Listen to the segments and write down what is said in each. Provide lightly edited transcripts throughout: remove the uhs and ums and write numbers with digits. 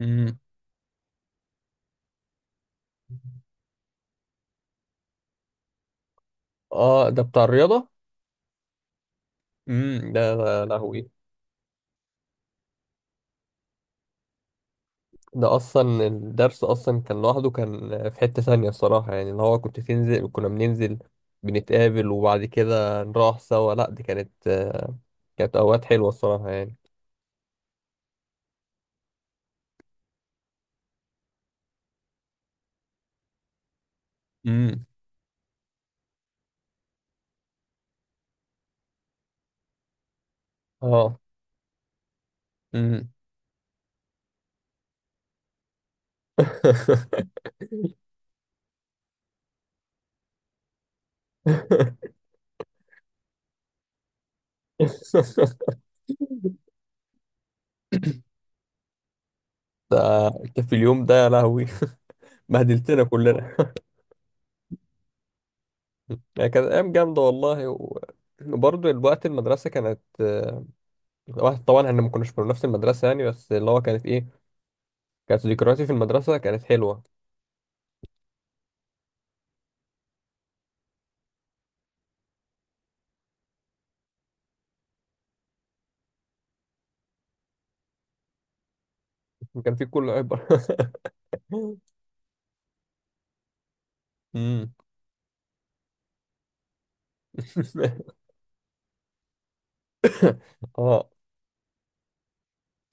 امم اه، ده بتاع الرياضة. ده يا لهوي. ده اصلا الدرس اصلا كان لوحده، كان في حتة ثانية الصراحة، يعني اللي هو كنت تنزل كنا بننزل، بنتقابل وبعد كده نروح سوا. لا، دي كانت كانت اوقات حلوة الصراحة يعني. امم. اه. امم. ده انت في اليوم ده يا لهوي! بهدلتنا كلنا. يعني كانت ايام جامدة والله وبرضه الوقت المدرسة كانت واحد. طبعا احنا ما كناش في نفس المدرسة يعني، بس اللي هو كانت ايه، كانت ذكرياتي في المدرسة كانت حلوة. كان في كل عبر. أمم. اه،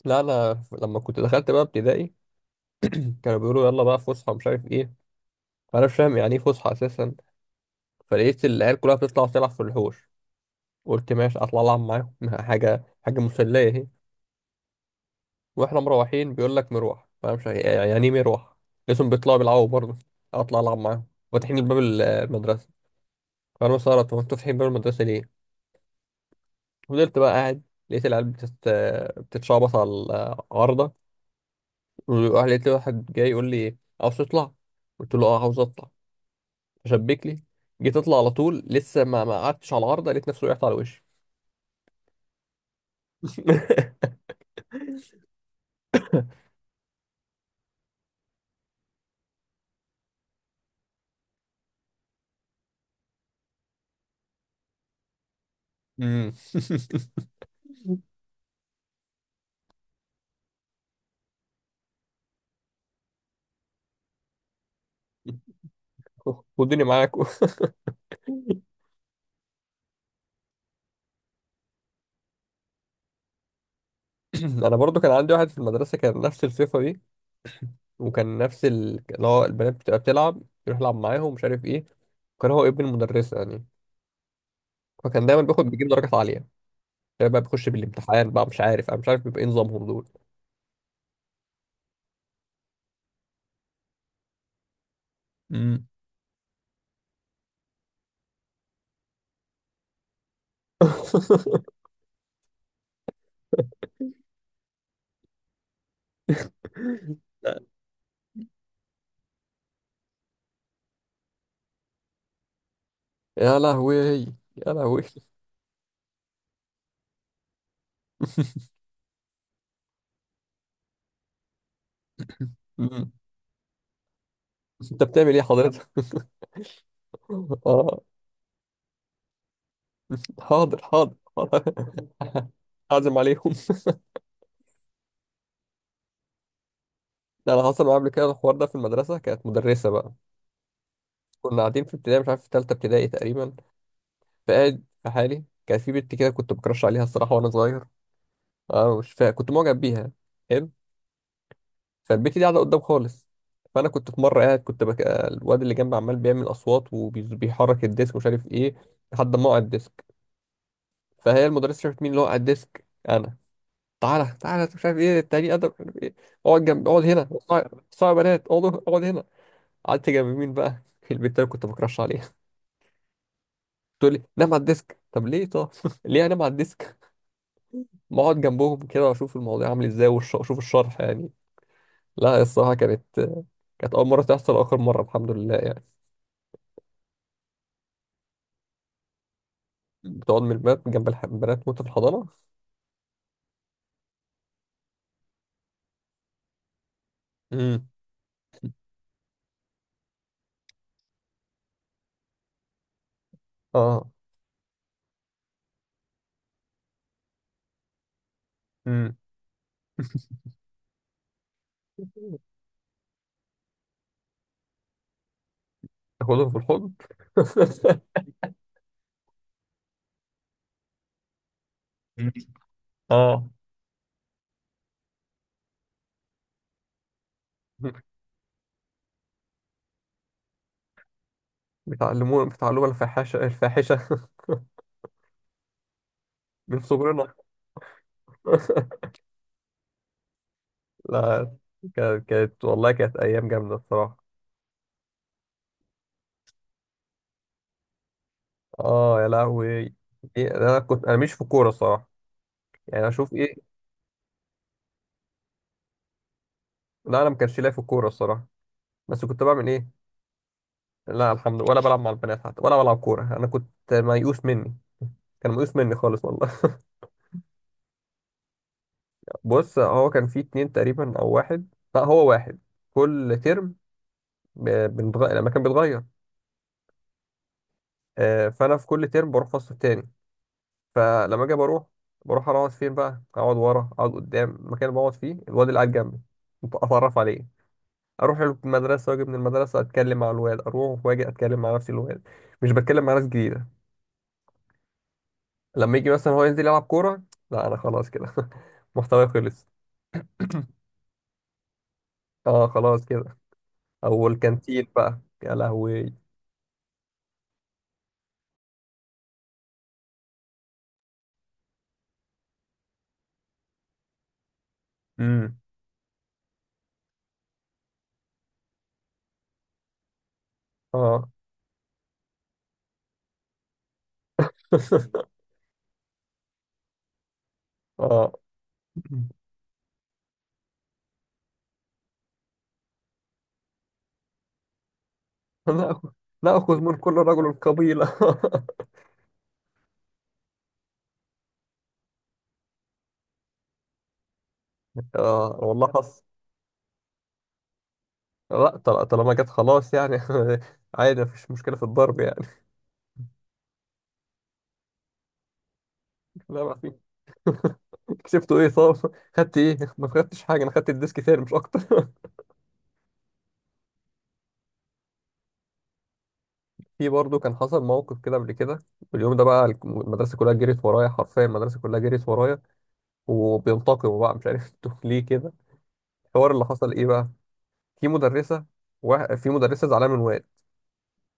لا انا لما كنت دخلت بقى ابتدائي كانوا بيقولوا يلا بقى فسحة، مش عارف ايه. فانا مش فاهم يعني ايه فسحة اساسا. فلقيت العيال كلها بتطلع تلعب في الحوش. قلت ماشي اطلع العب معاهم. حاجة حاجة مسلية اهي. واحنا مروحين بيقول لك مروح، فانا مش عارف- يعني ايه مروح. لقيتهم بيطلعوا بيلعبوا برضه. اطلع العب معاهم. فاتحين الباب المدرسة. انا استغربت، هو انتوا صاحيين بره المدرسه ليه؟ فضلت بقى قاعد. لقيت العيال بتتشعبط على العارضه. لقيت واحد جاي يقول لي عاوز تطلع. قلت له اه عاوز اطلع. شبك لي. جيت اطلع على طول، لسه ما قعدتش على العارضه، لقيت نفسي وقعت على وشي. امم. خدوني معاكم. انا برضو كان عندي واحد في المدرسه كان نفس الصفه دي، وكان نفس اللي هو البنات بتبقى بتلعب، يروح يلعب معاهم مش عارف ايه. وكان هو ابن المدرسه يعني، فكان دايما بيجيب درجات عاليه. يعني بقى بخش بالامتحان بقى، مش عارف انا مش عارف بيبقى ايه نظامهم دول. امم. يا لهوي، يا لهوي. مم. انت بتعمل ايه حضرتك؟ اه. حاضر حاضر حاضر. اعزم عليهم. ده انا حصل معايا قبل كده الحوار ده في المدرسه. كانت مدرسه بقى، كنا قاعدين في ابتدائي، مش عارف في ثالثه ابتدائي تقريبا. فقاعد في حالي، كانت في بنت كده كنت بكرش عليها الصراحه وانا صغير. اه مش فاهم، كنت معجب بيها. حلو. فالبت دي قاعده قدام خالص. فانا كنت في مره قاعد، الواد اللي جنبي عمال بيعمل اصوات وبيحرك الديسك ومش عارف ايه، لحد ما وقع الديسك. فهي المدرسه شافت مين اللي وقع الديسك، انا. تعالى تعالى، مش عارف ايه، التاني ادم، مش عارف ايه. اقعد هنا. صعب بنات. اقعد هنا. قعدت جنب مين بقى؟ البنت اللي كنت بكرش عليها. تقول لي نام على الديسك. طب ليه؟ طب ليه انام على الديسك؟ ما اقعد جنبهم كده واشوف الموضوع عامل ازاي واشوف الشرح يعني. لا الصراحه كانت، كانت اول مره تحصل واخر مره الحمد لله يعني. بتقعد من البنات جنب البنات وانت في الحضانة؟ امم. اه. امم. تاخدهم في الحضن؟ اه. بيتعلموا الفاحشة الفاحشة. من صغرنا. لا. كانت والله كانت أيام جامدة الصراحة. اه يا لهوي. إيه، أنا مش في الكورة الصراحة. يعني أشوف إيه. لا أنا ما كانش ليا في الكورة الصراحة. بس كنت بعمل إيه؟ لا الحمد لله، ولا بلعب مع البنات حتى ولا بلعب كورة. أنا كنت ميؤوس مني. كان ميؤوس مني خالص والله. بص، هو كان فيه اتنين تقريبا او واحد، لا هو واحد كل ترم، لما كان بيتغير فانا في كل ترم بروح فصل تاني. فلما اجي بروح، بروح اقعد فين بقى، اقعد ورا، اقعد قدام، المكان اللي بقعد فيه الواد اللي قاعد جنبي اتعرف عليه. اروح له المدرسه واجي من المدرسه اتكلم مع الواد، اروح واجي اتكلم مع نفس الواد، مش بتكلم مع ناس جديده. لما يجي مثلا هو ينزل يلعب كوره، لا انا خلاص كده. محتواي خلص. اه خلاص كده. او الكانتين بقى يا لهوي. امم. اه. اه. نأخذ. نأخذ من كل رجل قبيلة. اه والله حصل. لا طالما جت خلاص يعني. عادي، مفيش مشكلة في الضرب يعني. لا ما في. كسبته ايه طب؟ خدت ايه؟ ما خدتش حاجة، انا خدت الديسك تاني مش اكتر. في برضه كان حصل موقف كده قبل كده. اليوم ده بقى المدرسة كلها جريت ورايا، حرفيا المدرسة كلها جريت ورايا وبينتقموا بقى، مش عارف انتوا ليه كده. الحوار اللي حصل ايه بقى، في مدرسة، في مدرسة زعلانة من واد.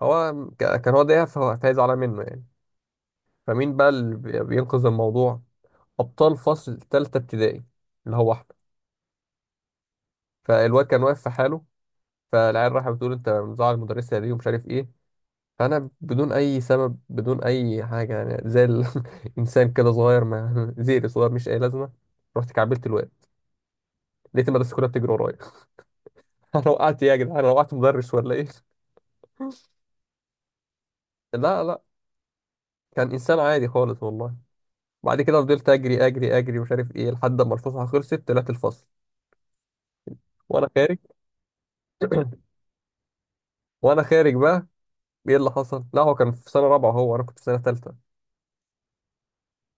هو كان هو ضايقها، فهي زعلانة منه يعني. فمين بقى اللي بينقذ الموضوع؟ ابطال فصل تالتة ابتدائي، اللي هو احمد. فالواد كان واقف في حاله، فالعيال راحت بتقول انت مزعل المدرسه دي ومش عارف ايه. فانا بدون اي سبب، بدون اي حاجه، يعني زي الانسان كده صغير ما زيري صغير، مش اي لازمه، رحت كعبلت الواد. لقيت المدرسه كلها بتجري ورايا. انا وقعت إيه يا جدعان؟ انا وقعت مدرس ولا ايه؟ لا لا، كان انسان عادي خالص والله. بعد كده فضلت اجري اجري اجري مش عارف ايه، لحد ما الفسحه خلصت طلعت الفصل. وانا خارج. وانا خارج بقى ايه اللي حصل؟ لا، هو كان في سنه رابعه، هو انا كنت في سنه ثالثه.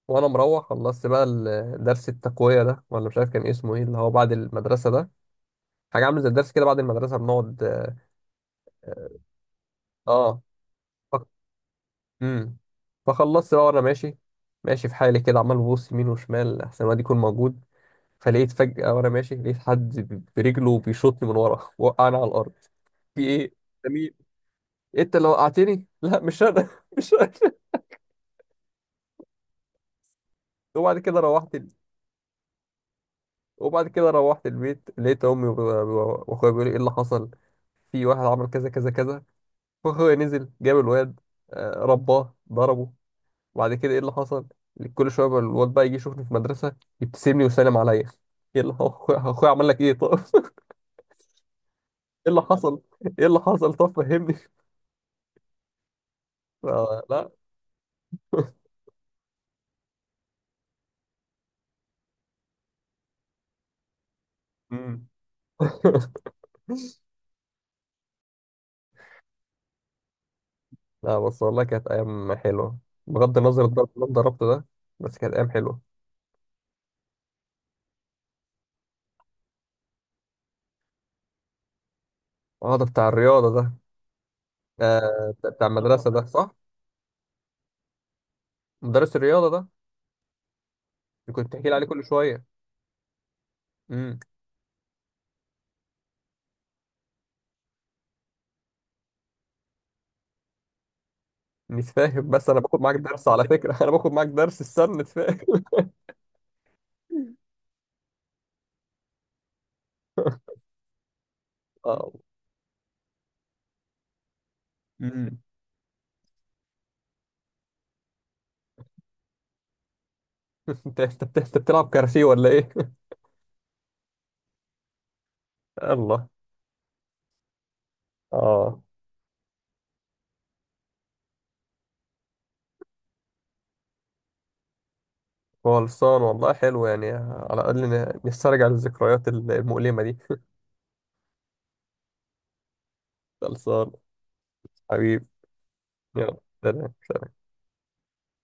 وانا مروح خلصت بقى درس التقويه ده، ولا مش عارف كان إيه اسمه، ايه اللي هو بعد المدرسه ده. حاجه عامله زي الدرس كده بعد المدرسه بنقعد. اه. فك... امم. فخلصت بقى وانا ماشي، ماشي في حالي كده، عمال ببص يمين وشمال احسن ما دي يكون موجود. فلقيت فجأة وانا ماشي لقيت حد برجله بيشوطني من ورا وقعني على الارض. في ايه؟ ده مين؟ إيه انت اللي وقعتني؟ لا مش انا. مش انا. وبعد كده روحت وبعد كده روحت البيت، لقيت امي واخويا بيقولوا ايه اللي حصل. في واحد عمل كذا كذا كذا. فاخويا نزل جاب الواد رباه ضربه. وبعد كده ايه اللي حصل، كل شويه بقى الواد بقى يجي يشوفني في المدرسه، يبتسم لي ويسلم عليا. ايه اللي هو أخويا عمل لك ايه طب؟ اللي حصل ايه اللي حصل طب فهمني. لا. مم. لا، بس والله كانت ايام حلوه. بغض النظر الضرب اللي أنا ضربته ده، بس كانت ايام حلوه. اه، ده بتاع الرياضه ده، آه بتاع المدرسه ده صح. مدرس الرياضة ده اللي كنت بتحكي لي عليه كل شوية. امم. مش فاهم، بس أنا باخد معاك درس على فكرة. أنا باخد معاك درس السلة فاهم. اه. امم. أنت أنت بتلعب كاراتيه ولا إيه؟ الله. اه. خلصان، والله حلو يعني، على الأقل نسترجع الذكريات المؤلمة دي. خلصان. حبيبي. يلا سلام.